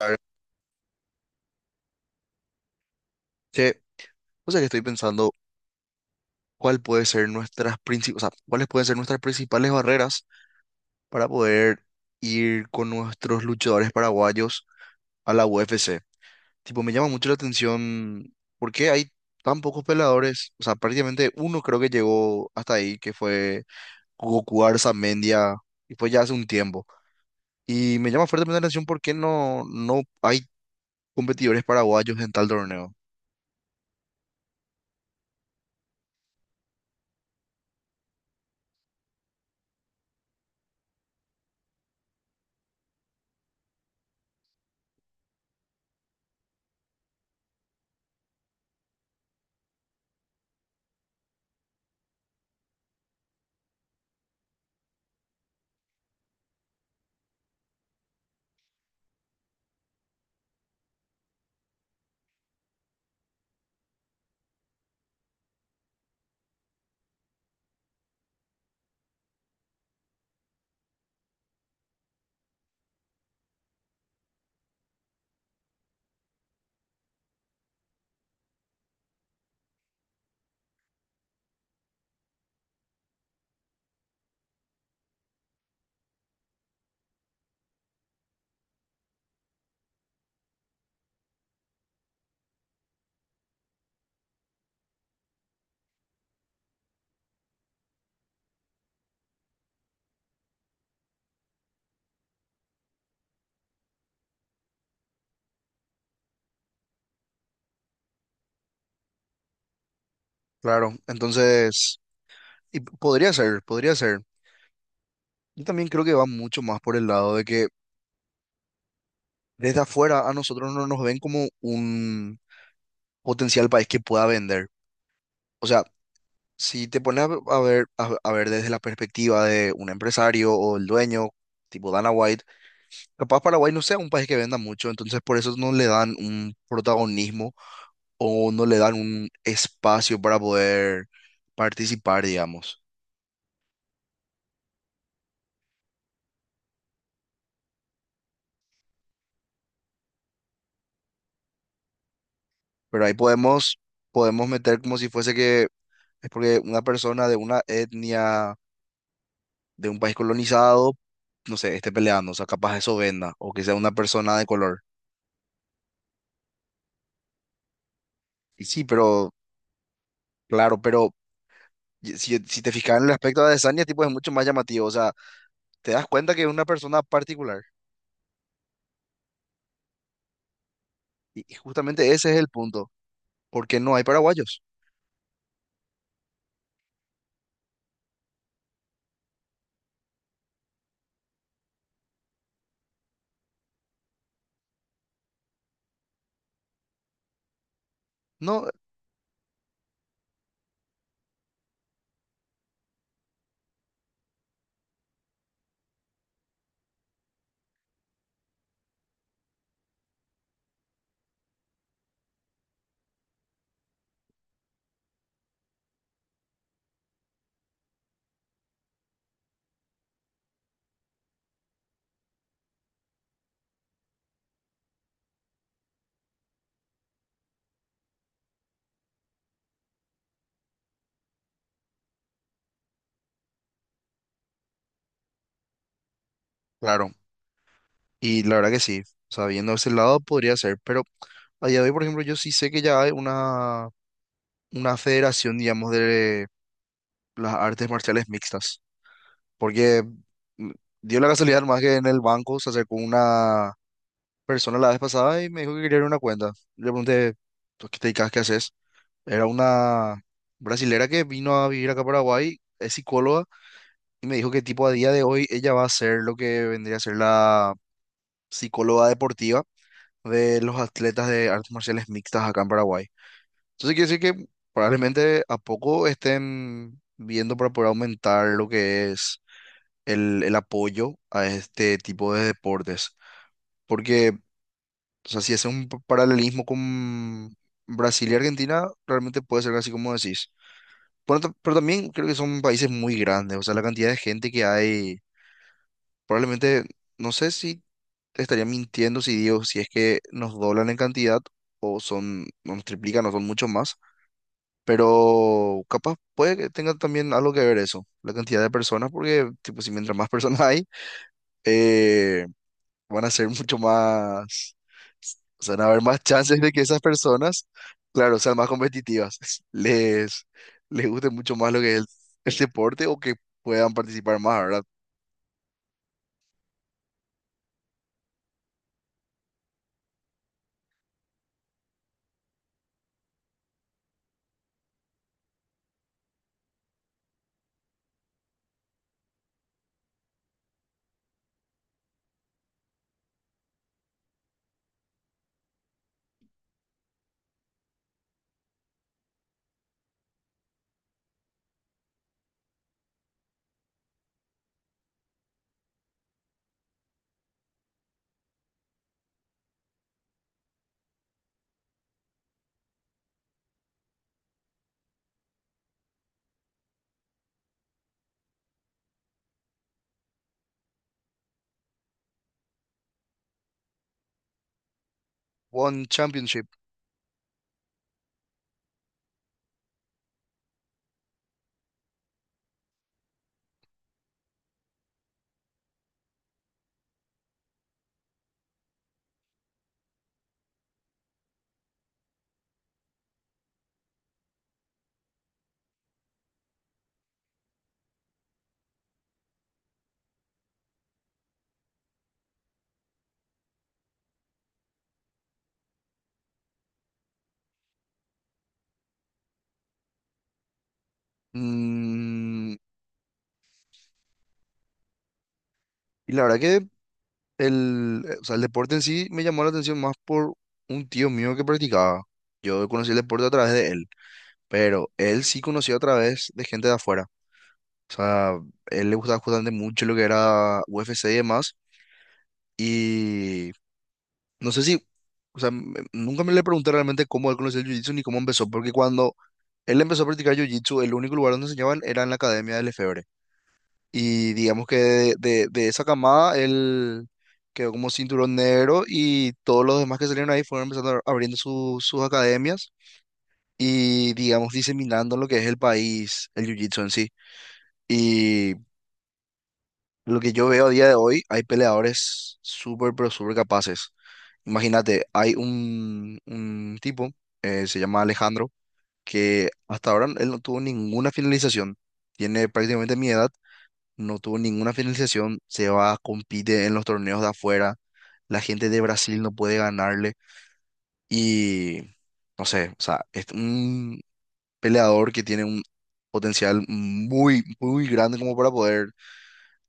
A ver, che, o sea que estoy pensando cuál puede ser nuestras cuáles pueden ser nuestras principales barreras para poder ir con nuestros luchadores paraguayos a la UFC. Tipo, me llama mucho la atención por qué hay tan pocos peleadores. O sea, prácticamente uno creo que llegó hasta ahí, que fue Goku Arzamendia, y fue ya hace un tiempo. Y me llama fuertemente la atención por qué no hay competidores paraguayos en tal torneo. Claro, entonces, y podría ser, podría ser. Yo también creo que va mucho más por el lado de que desde afuera a nosotros no nos ven como un potencial país que pueda vender. O sea, si te pones a ver, a ver desde la perspectiva de un empresario o el dueño, tipo Dana White, capaz Paraguay no sea un país que venda mucho, entonces por eso no le dan un protagonismo o no le dan un espacio para poder participar, digamos. Pero ahí podemos, podemos meter como si fuese que es porque una persona de una etnia de un país colonizado, no sé, esté peleando, o sea, capaz eso venda, o que sea una persona de color. Y sí, pero, claro, pero si, si te fijas en el aspecto de Adesanya, tipo, es mucho más llamativo, o sea, te das cuenta que es una persona particular. Y justamente ese es el punto, porque no hay paraguayos. No, claro, y la verdad que sí, o sea, viendo ese lado podría ser, pero a día de hoy, por ejemplo, yo sí sé que ya hay una federación, digamos, de las artes marciales mixtas. Porque mm, dio la casualidad más que en el banco se acercó una persona la vez pasada y me dijo que quería abrir una cuenta. Le pregunté, "¿Tú qué te dedicas? ¿Qué haces?". Era una brasilera que vino a vivir acá a Paraguay, es psicóloga, y me dijo que tipo a día de hoy ella va a ser lo que vendría a ser la psicóloga deportiva de los atletas de artes marciales mixtas acá en Paraguay. Entonces quiere decir que probablemente a poco estén viendo para poder aumentar lo que es el apoyo a este tipo de deportes. Porque, o sea, si hace un paralelismo con Brasil y Argentina, realmente puede ser así como decís. Pero, pero también creo que son países muy grandes, o sea, la cantidad de gente que hay, probablemente, no sé si te estaría mintiendo si digo, si es que nos doblan en cantidad o son, o nos triplican o son mucho más. Pero capaz puede que tenga también algo que ver eso, la cantidad de personas, porque tipo, si mientras más personas hay, eh, van a ser mucho más, o sea, van a haber más chances de que esas personas, claro, sean más competitivas, les, les guste mucho más lo que es el deporte o que puedan participar más, ¿verdad? One Championship. Mm, y la verdad que el, o sea, el deporte en sí me llamó la atención más por un tío mío que practicaba. Yo conocí el deporte a través de él, pero él sí conoció a través de gente de afuera. O sea, él le gustaba justamente mucho lo que era UFC y demás. Y no sé si, o sea, nunca me le pregunté realmente cómo él conoció el jiu-jitsu ni cómo empezó, porque cuando él empezó a practicar jiu-jitsu, el único lugar donde enseñaban era en la Academia del Efebre. Y digamos que de esa camada él quedó como cinturón negro y todos los demás que salieron ahí fueron empezando abriendo sus academias y digamos diseminando lo que es el país, el jiu-jitsu en sí. Lo que yo veo a día de hoy, hay peleadores súper, pero súper capaces. Imagínate, hay un tipo, se llama Alejandro, que hasta ahora él no tuvo ninguna finalización. Tiene prácticamente mi edad, no tuvo ninguna finalización. Se va, compite en los torneos de afuera. La gente de Brasil no puede ganarle. Y no sé, o sea, es un peleador que tiene un potencial muy, muy grande como para poder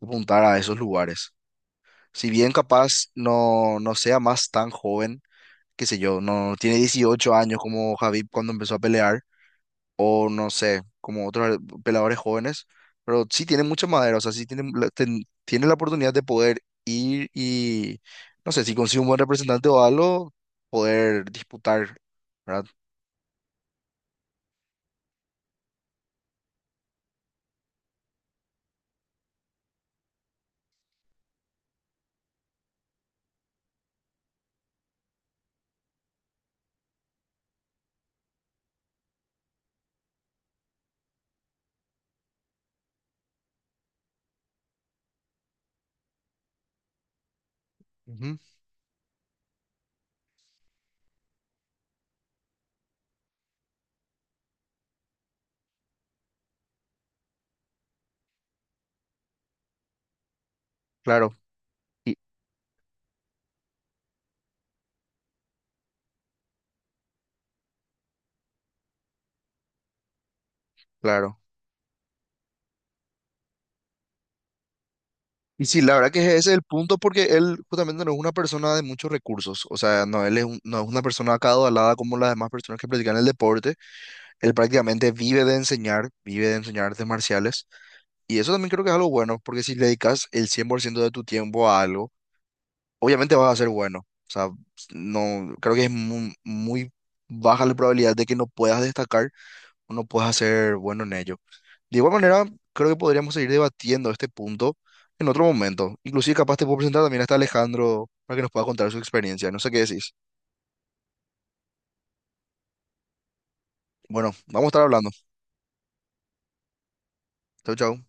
apuntar a esos lugares. Si bien capaz no sea más tan joven, qué sé yo, no tiene 18 años como Javib cuando empezó a pelear, o no sé, como otros peleadores jóvenes, pero sí tiene mucha madera, o sea, sí tiene, tiene la oportunidad de poder ir y, no sé, si consigue un buen representante o algo, poder disputar, ¿verdad? Ujú, claro, y- claro. Y sí, la verdad que ese es el punto porque él justamente no es una persona de muchos recursos, o sea, no, no es una persona acaudalada como las demás personas que practican el deporte, él prácticamente vive de enseñar artes marciales y eso también creo que es algo bueno porque si le dedicas el 100% de tu tiempo a algo, obviamente vas a ser bueno, o sea, no, creo que es muy, muy baja la probabilidad de que no puedas destacar uno pueda ser bueno en ello. De igual manera, creo que podríamos seguir debatiendo este punto en otro momento. Inclusive capaz te puedo presentar también hasta Alejandro para que nos pueda contar su experiencia. No sé qué decís. Bueno, vamos a estar hablando. Chau, chau.